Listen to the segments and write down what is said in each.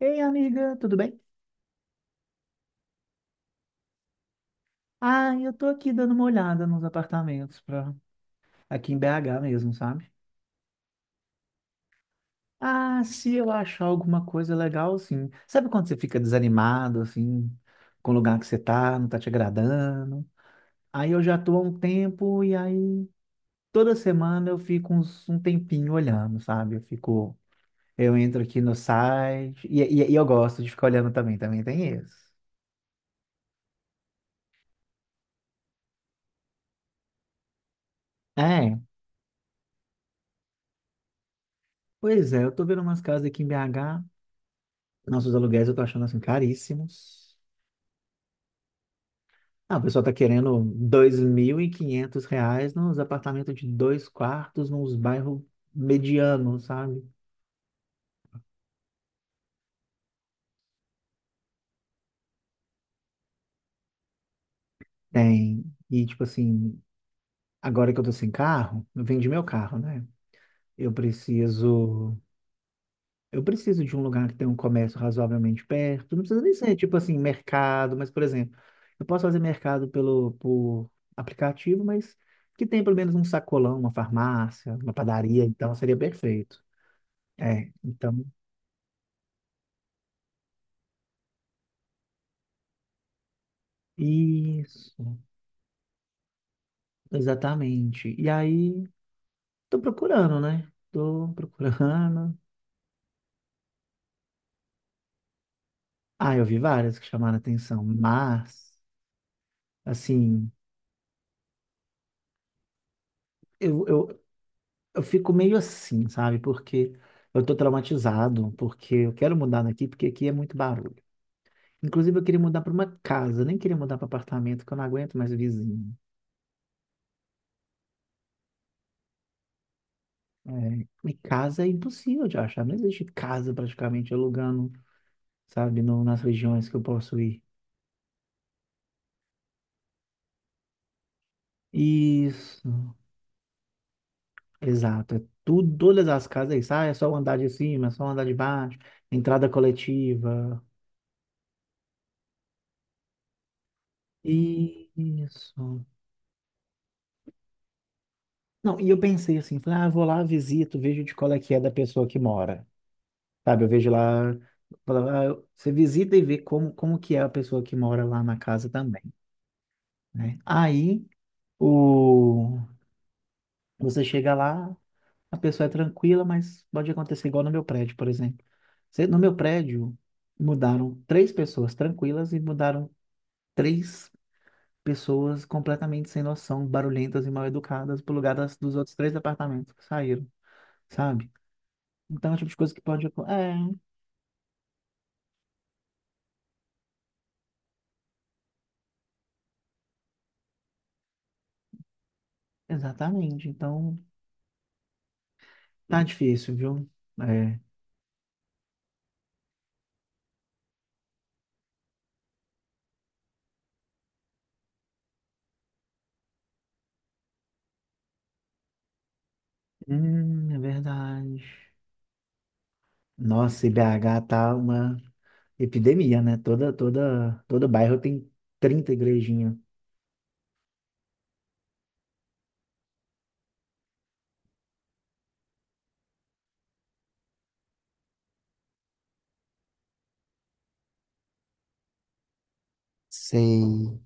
Ei, amiga, tudo bem? Ah, eu tô aqui dando uma olhada nos apartamentos aqui em BH mesmo, sabe? Ah, se eu achar alguma coisa legal, sim. Sabe quando você fica desanimado, assim, com o lugar que você tá, não tá te agradando? Aí eu já tô há um tempo e aí toda semana eu fico um tempinho olhando, sabe? Eu fico, eu entro aqui no site e eu gosto de ficar olhando também, também tem isso. É, pois é, eu tô vendo umas casas aqui em BH. Nossos aluguéis eu tô achando assim caríssimos. Ah, o pessoal tá querendo R$ 2.500 nos apartamentos de dois quartos, nos bairros medianos, sabe? Tem. E tipo assim, agora que eu tô sem carro, eu vendi meu carro, né? Eu preciso. Eu preciso de um lugar que tenha um comércio razoavelmente perto. Não precisa nem ser tipo assim, mercado, mas, por exemplo, eu posso fazer mercado por aplicativo, mas que tenha pelo menos um sacolão, uma farmácia, uma padaria, então seria perfeito. É, então, isso, exatamente. E aí, tô procurando, né? Tô procurando. Ah, eu vi várias que chamaram atenção, mas, assim, eu, eu, eu fico meio assim, sabe? Porque eu tô traumatizado, porque eu quero mudar daqui, porque aqui é muito barulho. Inclusive, eu queria mudar para uma casa, nem queria mudar para apartamento, que eu não aguento mais vizinho. É, e casa é impossível de achar, não existe casa praticamente alugando, sabe, no, nas regiões que eu posso ir. Isso, exato. Todas as casas é isso. Ah, é só o andar de cima, é só o andar de baixo, entrada coletiva. Isso. Não, e eu pensei assim, falei, ah, eu vou lá, visito, vejo de qual é que é da pessoa que mora. Sabe, eu vejo lá, falo, ah, você visita e vê como, que é a pessoa que mora lá na casa também, né? Aí, o Você chega lá, a pessoa é tranquila, mas pode acontecer igual no meu prédio, por exemplo. No meu prédio, mudaram três pessoas tranquilas e mudaram três pessoas completamente sem noção, barulhentas e mal educadas pro lugar dos outros três apartamentos que saíram, sabe? Então, é o tipo de coisa que pode. É, exatamente. Então, tá difícil, viu? É. É verdade. Nossa, e BH tá uma epidemia, né? Todo bairro tem 30 igrejinhas. Sei.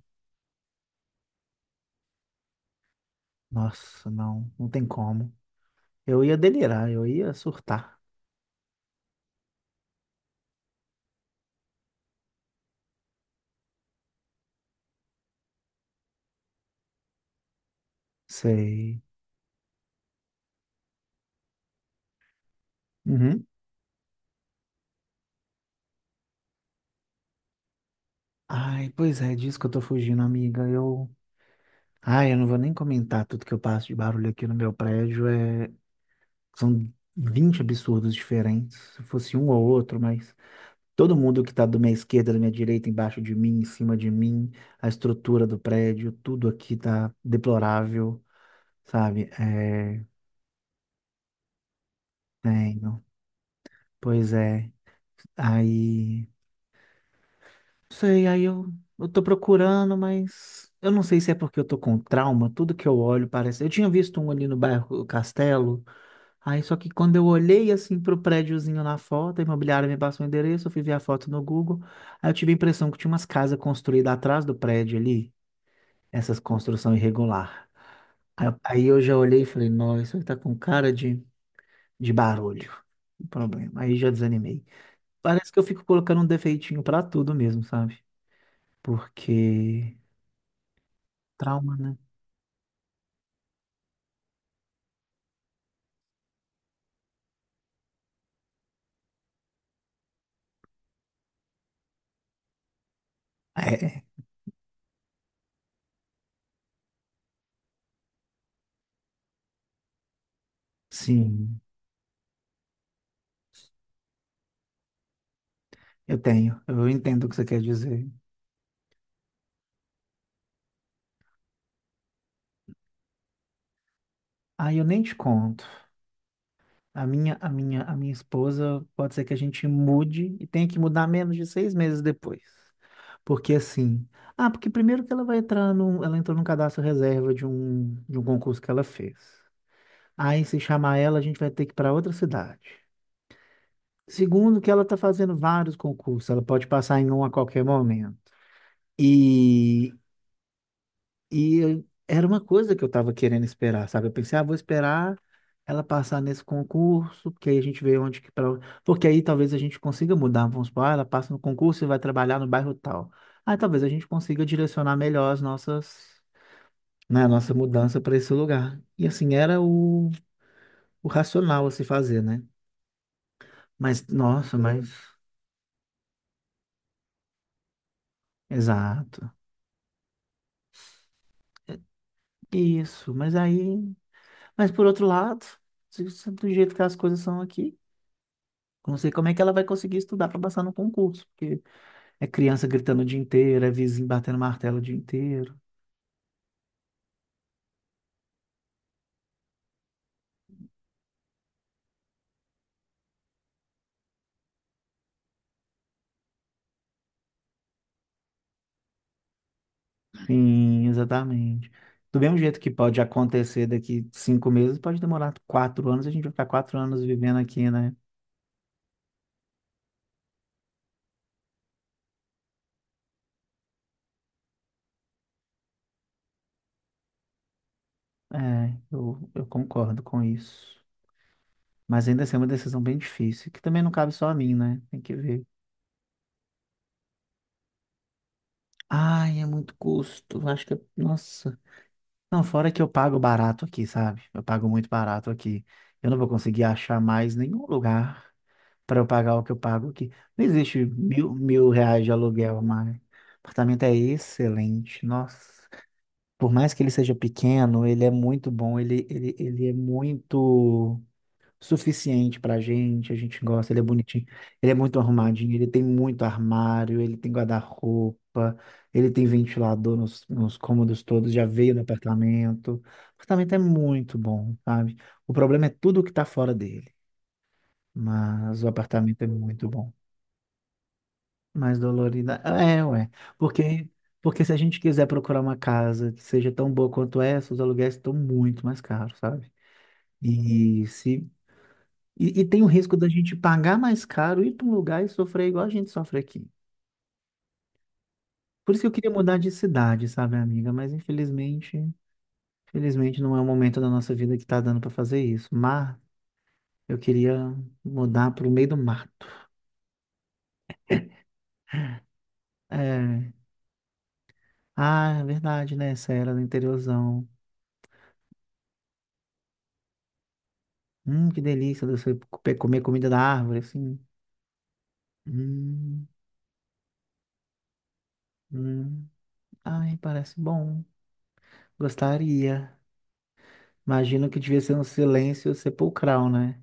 Nossa, não, não tem como. Eu ia delirar, eu ia surtar. Sei. Uhum. Ai, pois é, disso que eu tô fugindo, amiga. Eu. Ai, eu não vou nem comentar tudo que eu passo de barulho aqui no meu prédio. São 20 absurdos diferentes. Se fosse um ou outro, mas todo mundo que tá da minha esquerda, da minha direita, embaixo de mim, em cima de mim, a estrutura do prédio, tudo aqui tá deplorável, sabe? É, tenho. Pois é. Aí, não sei, aí eu tô procurando, mas eu não sei se é porque eu tô com trauma, tudo que eu olho parece. Eu tinha visto um ali no bairro Castelo, aí só que quando eu olhei assim pro prédiozinho na foto, a imobiliária me passou o endereço, eu fui ver a foto no Google, aí eu tive a impressão que tinha umas casas construídas atrás do prédio ali, essas construção irregular. Aí eu já olhei e falei, nossa, isso aí tá com cara de, barulho, o problema. Aí já desanimei. Parece que eu fico colocando um defeitinho pra tudo mesmo, sabe? Porque trauma, né? É, sim, eu tenho. Eu entendo o que você quer dizer. Ah, eu nem te conto. A minha esposa pode ser que a gente mude e tenha que mudar menos de 6 meses depois. Porque assim, ah, porque primeiro que ela vai entrar num, ela entrou num cadastro reserva de um concurso que ela fez. Aí se chamar ela, a gente vai ter que ir para outra cidade. Segundo, que ela está fazendo vários concursos, ela pode passar em um a qualquer momento. E, e era uma coisa que eu estava querendo esperar, sabe? Eu pensei, ah, vou esperar ela passar nesse concurso, porque aí a gente vê onde que. Porque aí talvez a gente consiga mudar. Vamos supor, ah, ela passa no concurso e vai trabalhar no bairro tal. Aí talvez a gente consiga direcionar melhor as nossas, né, a nossa mudança para esse lugar. E assim, era o racional a se fazer, né? Mas, nossa, mas. Exato. Isso, mas por outro lado, do jeito que as coisas são aqui, não sei como é que ela vai conseguir estudar para passar no concurso, porque é criança gritando o dia inteiro, é vizinho batendo martelo o dia inteiro. Sim, exatamente. Do mesmo jeito que pode acontecer daqui 5 meses, pode demorar 4 anos, a gente vai ficar 4 anos vivendo aqui, né? É, eu concordo com isso. Mas ainda assim é uma decisão bem difícil, que também não cabe só a mim, né? Tem que ver. Ai, é muito custo. Acho que, nossa, não, fora que eu pago barato aqui, sabe? Eu pago muito barato aqui. Eu não vou conseguir achar mais nenhum lugar para eu pagar o que eu pago aqui. Não existe mil reais de aluguel, mas o apartamento é excelente. Nossa, por mais que ele seja pequeno, ele é muito bom. Ele é muito suficiente pra gente, a gente gosta, ele é bonitinho, ele é muito arrumadinho, ele tem muito armário, ele tem guarda-roupa, ele tem ventilador nos cômodos todos, já veio no apartamento. O apartamento é muito bom, sabe? O problema é tudo que tá fora dele, mas o apartamento é muito bom. Mais dolorida. É, ué. Porque, porque se a gente quiser procurar uma casa que seja tão boa quanto essa, os aluguéis estão muito mais caros, sabe? E se E, e tem o risco da gente pagar mais caro, ir para um lugar e sofrer igual a gente sofre aqui. Por isso que eu queria mudar de cidade, sabe, amiga? Mas infelizmente não é o momento da nossa vida que tá dando para fazer isso. Mas eu queria mudar para o meio do mato. É. Ah, é verdade, né? Essa era do interiorzão. Que delícia você comer comida da árvore, assim. Hum, hum. Ai, parece bom. Gostaria. Imagino que devia ser um silêncio sepulcral, né?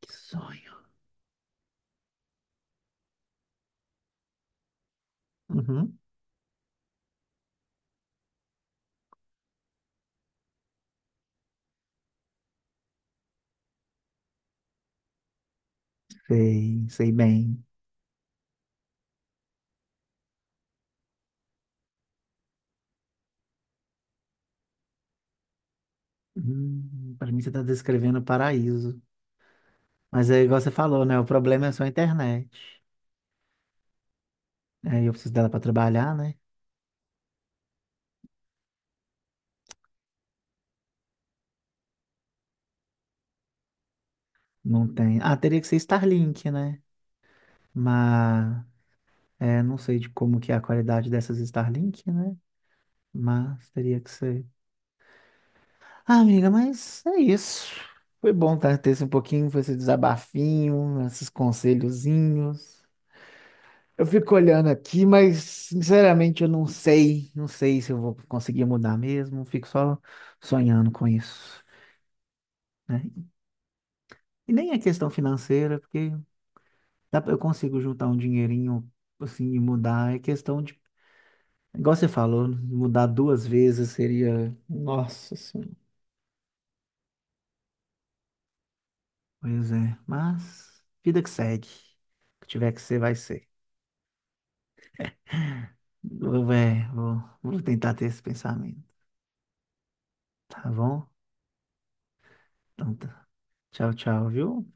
Que sonho. Uhum. Sei, sei bem. Para mim você está descrevendo o paraíso. Mas é igual você falou, né? O problema é só a internet. Aí eu preciso dela para trabalhar, né? Não tem. Ah, teria que ser Starlink, né? Mas é, não sei de como que é a qualidade dessas Starlink, né? Mas teria que ser. Ah, amiga, mas é isso. Foi bom tá, ter esse um pouquinho, foi esse desabafinho, esses conselhozinhos. Eu fico olhando aqui, mas sinceramente eu não sei se eu vou conseguir mudar mesmo, fico só sonhando com isso, né? E nem é questão financeira, porque eu consigo juntar um dinheirinho assim e mudar, é questão de, igual você falou, mudar duas vezes seria, Nossa Senhora. Pois é, mas vida que segue, o que tiver que ser vai ser. Eu, é, vou tentar ter esse pensamento, tá bom? Então, tá. Tchau, tchau, viu?